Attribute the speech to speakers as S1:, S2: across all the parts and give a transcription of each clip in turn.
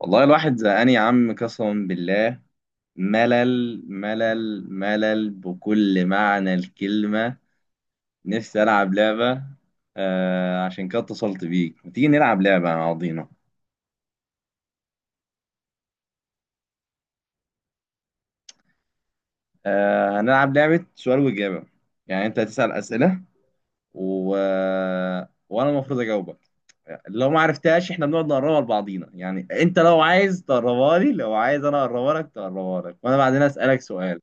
S1: والله الواحد زهقان يا عم، قسما بالله. ملل ملل ملل بكل معنى الكلمة. نفسي ألعب لعبة. عشان كده اتصلت بيك، ما تيجي نلعب لعبة مع بعضينا؟ هنلعب لعبة سؤال وإجابة. يعني أنت هتسأل أسئلة و... وأنا المفروض أجاوبك. لو ما عرفتهاش إحنا بنقعد نقربها لبعضينا، يعني أنت لو عايز تقربها لي، لو عايز أنا أقربها لك تقربها لك، وأنا بعدين أسألك سؤال.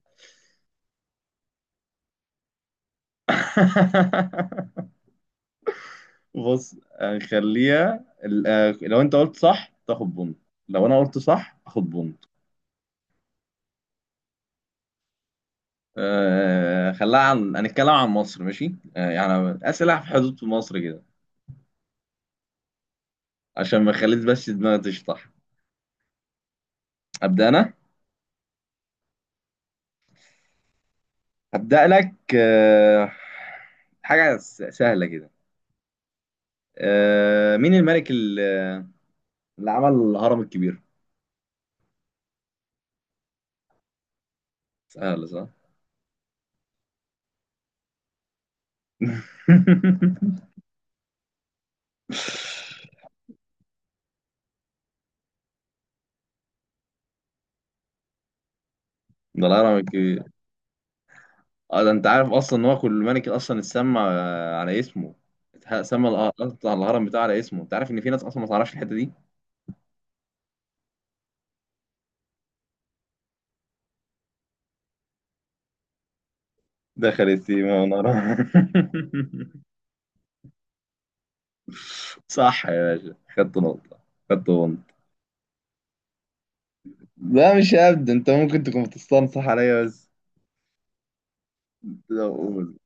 S1: بص، خليها لو انت قلت صح تاخد بونت، لو انا قلت صح اخد بونت. خليها، عن هنتكلم عن مصر، ماشي؟ يعني اسئله في حدود مصر كده، عشان ما خليت بس دماغي تشطح. ابدا انا، هبدا لك. حاجه سهله كده. مين الملك اللي عمل الهرم الكبير؟ سهله، صح؟ ده الهرم الكبير. اه، ده انت عارف اصلا ان هو كل ملك اصلا اتسمى على اسمه، سمى اصلا الهرم بتاعه على اسمه. انت عارف ان في ناس اصلا ما تعرفش الحته دي. دخلت سيما ونرى. صح يا باشا، خدت نقطه، خدت بونت. لا مش هبد، انت ممكن تكون بتستنصح عليا بس. لا قول.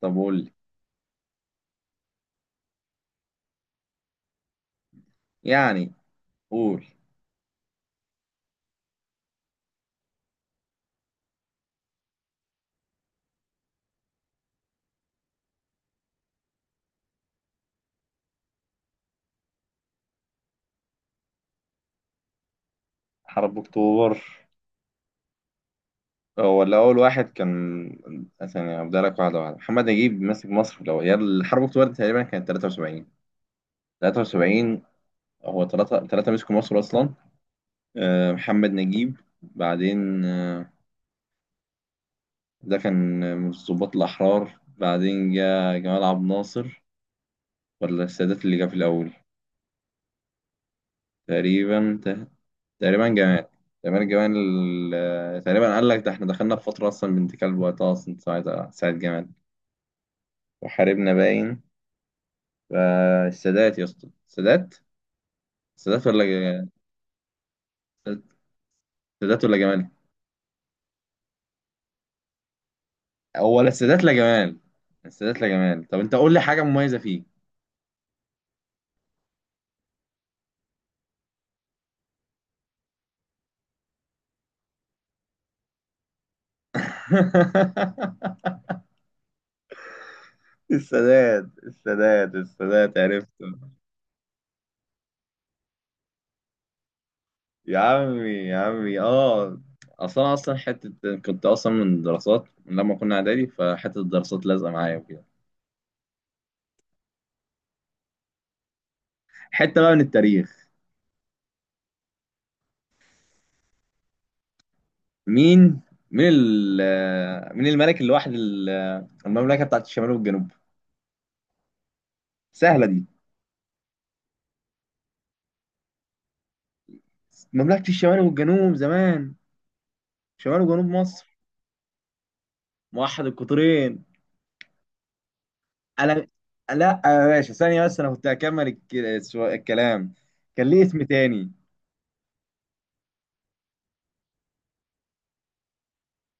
S1: طب قول لي. يعني قول. حرب اكتوبر، هو اللي اول واحد كان. ثانية، هبدأ لك واحدة واحدة. محمد نجيب ماسك مصر، لو هي الحرب اكتوبر دي تقريبا كانت 73. 73. هو ثلاثة ثلاثة مسكوا مصر أصلا. محمد نجيب. بعدين ده كان من الضباط الأحرار. بعدين جاء جمال عبد الناصر، ولا السادات اللي جه في الأول؟ تقريبا ت- تقريبا جمال. تقريبا جمال. تقريبا، قال لك، ده احنا دخلنا في فترة أصلا بنت كلب وقتها أصلا، ساعة ساعة جمال وحاربنا، باين فالسادات. يا اسطى السادات. السادات ولا ج- السادات ولا جمال؟ هو لا السادات لا جمال. السادات لا جمال، طب أنت قول لي حاجة مميزة فيه. السادات السادات السادات، عرفته. يا عمي يا عمي، اه. اصلا حته، كنت اصلا من الدراسات، من لما كنا اعدادي، فحته الدراسات لازقه معايا وكده. حته بقى من التاريخ. مين مين الملك اللي واحد المملكه بتاعت الشمال والجنوب؟ سهله دي. مملكه الشمال والجنوب زمان، شمال وجنوب مصر. موحد القطرين. انا، لا يا باشا، ثانية بس، انا كنت هكمل الكلام. كان ليه اسم تاني.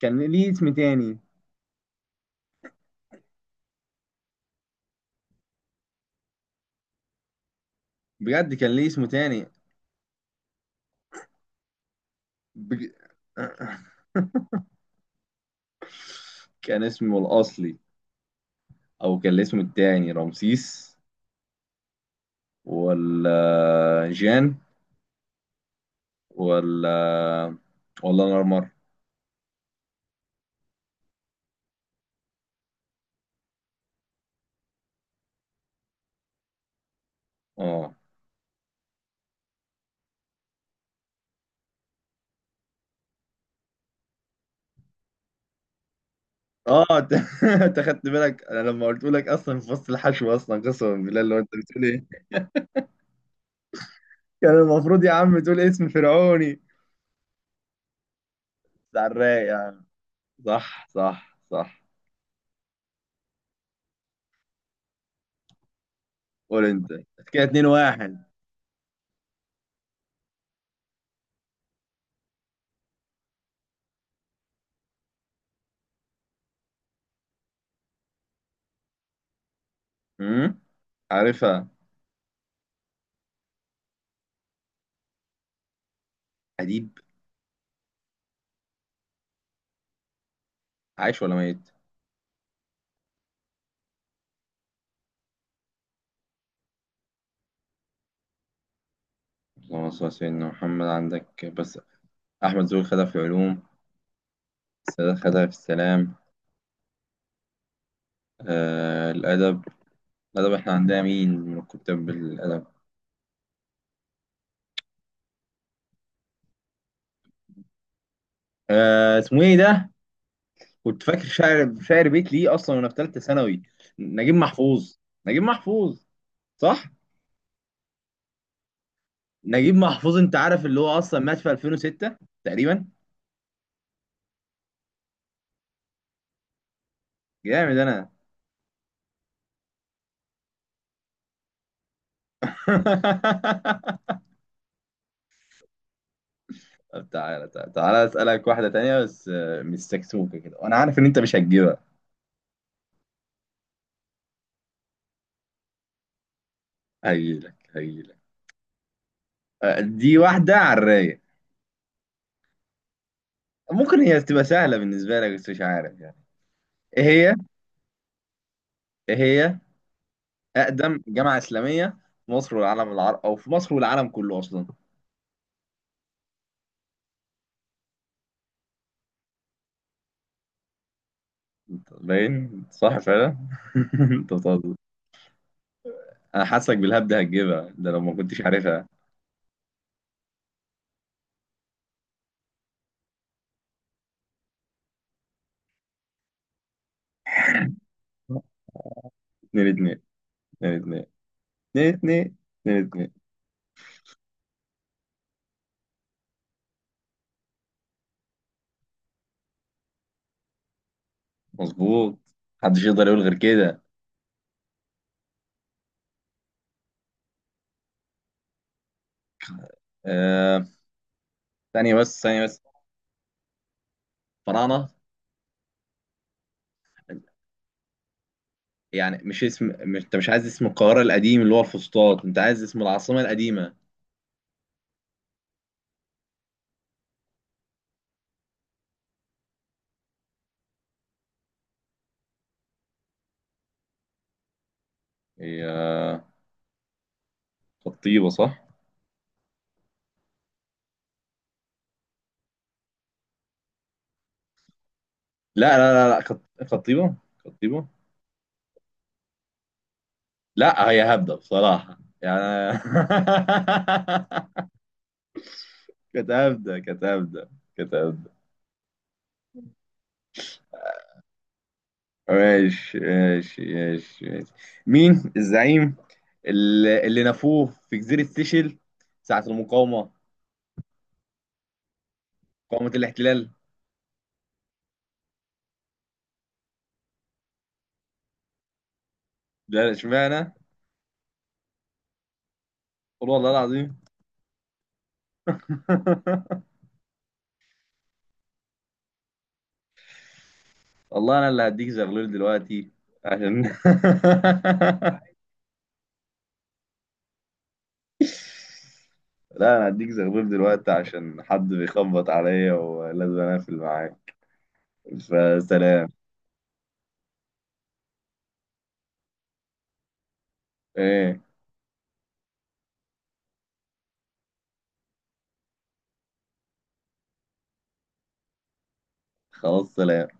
S1: كان ليه اسم تاني. بجد كان ليه اسم تاني. بج... كان اسمه الأصلي، أو كان الاسم التاني رمسيس، ولا جان، ولا ولا نرمر. اه. اه انت، أنت خدت بالك انا لما قلت لك اصلا في فصل الحشو اصلا، قسما بالله، اللي هو انت بتقول ايه؟ كان المفروض يا عم تقول اسم فرعوني بتاع الرايق. صح صح صح. قول انت. كده 2-1. امم عارفها. اديب، عايش ولا ميت؟ اللهم صل على سيدنا محمد عندك بس. احمد زويل خدها في العلوم، السادات خدها في السلام. الادب. الادب، احنا عندنا مين من كتاب الادب؟ اسمه ايه ده؟ كنت فاكر شاعر بيت ليه اصلا، وانا في ثالثه ثانوي. نجيب محفوظ. نجيب محفوظ. صح. نجيب محفوظ، انت عارف اللي هو اصلا مات في 2006 تقريبا. جامد انا. طب تعالى تعالى تعالى، اسالك واحده تانية بس. مش سكسوكه كده، وانا عارف ان انت مش هتجيبها. هجيلك هجيلك. دي واحده على الرايق. ممكن هي تبقى سهله بالنسبه لك، بس مش عارف يعني. ايه هي ايه هي اقدم جامعه اسلاميه في مصر والعالم العربي، او في مصر والعالم كله اصلا. أنت باين صح فعلا. انت بتهزر. انا حاسك بالهبد هتجيبها ده لو ما كنتش عارفها. اتنين اتنين، اتنين اتنين، اتنين اتنين، اتنين اتنين. مظبوط. محدش يقدر يقول غير كده. آه، ثانية بس، ثانية بس. فراعنة. يعني مش اسم، مش انت مش عايز اسم القاهرة القديم اللي هو الفسطاط، انت عايز اسم العاصمة القديمة. هي خطيبة، صح؟ لا لا لا لا، خطيبة، خطيبة. لا، هي هبدة بصراحة يعني. كانت هبدة، كانت هبدة، كانت هبدة. ماشي ماشي ماشي ماشي. مين الزعيم اللي نفوه في جزيرة سيشل، ساعة المقاومة، مقاومة الاحتلال؟ لا، اشمعنى؟ قول والله العظيم. والله انا اللي هديك زغلول دلوقتي عشان لا، انا هديك زغلول دلوقتي عشان حد بيخبط عليا ولازم اقفل معاك. فسلام. ايه، خلاص، سلام.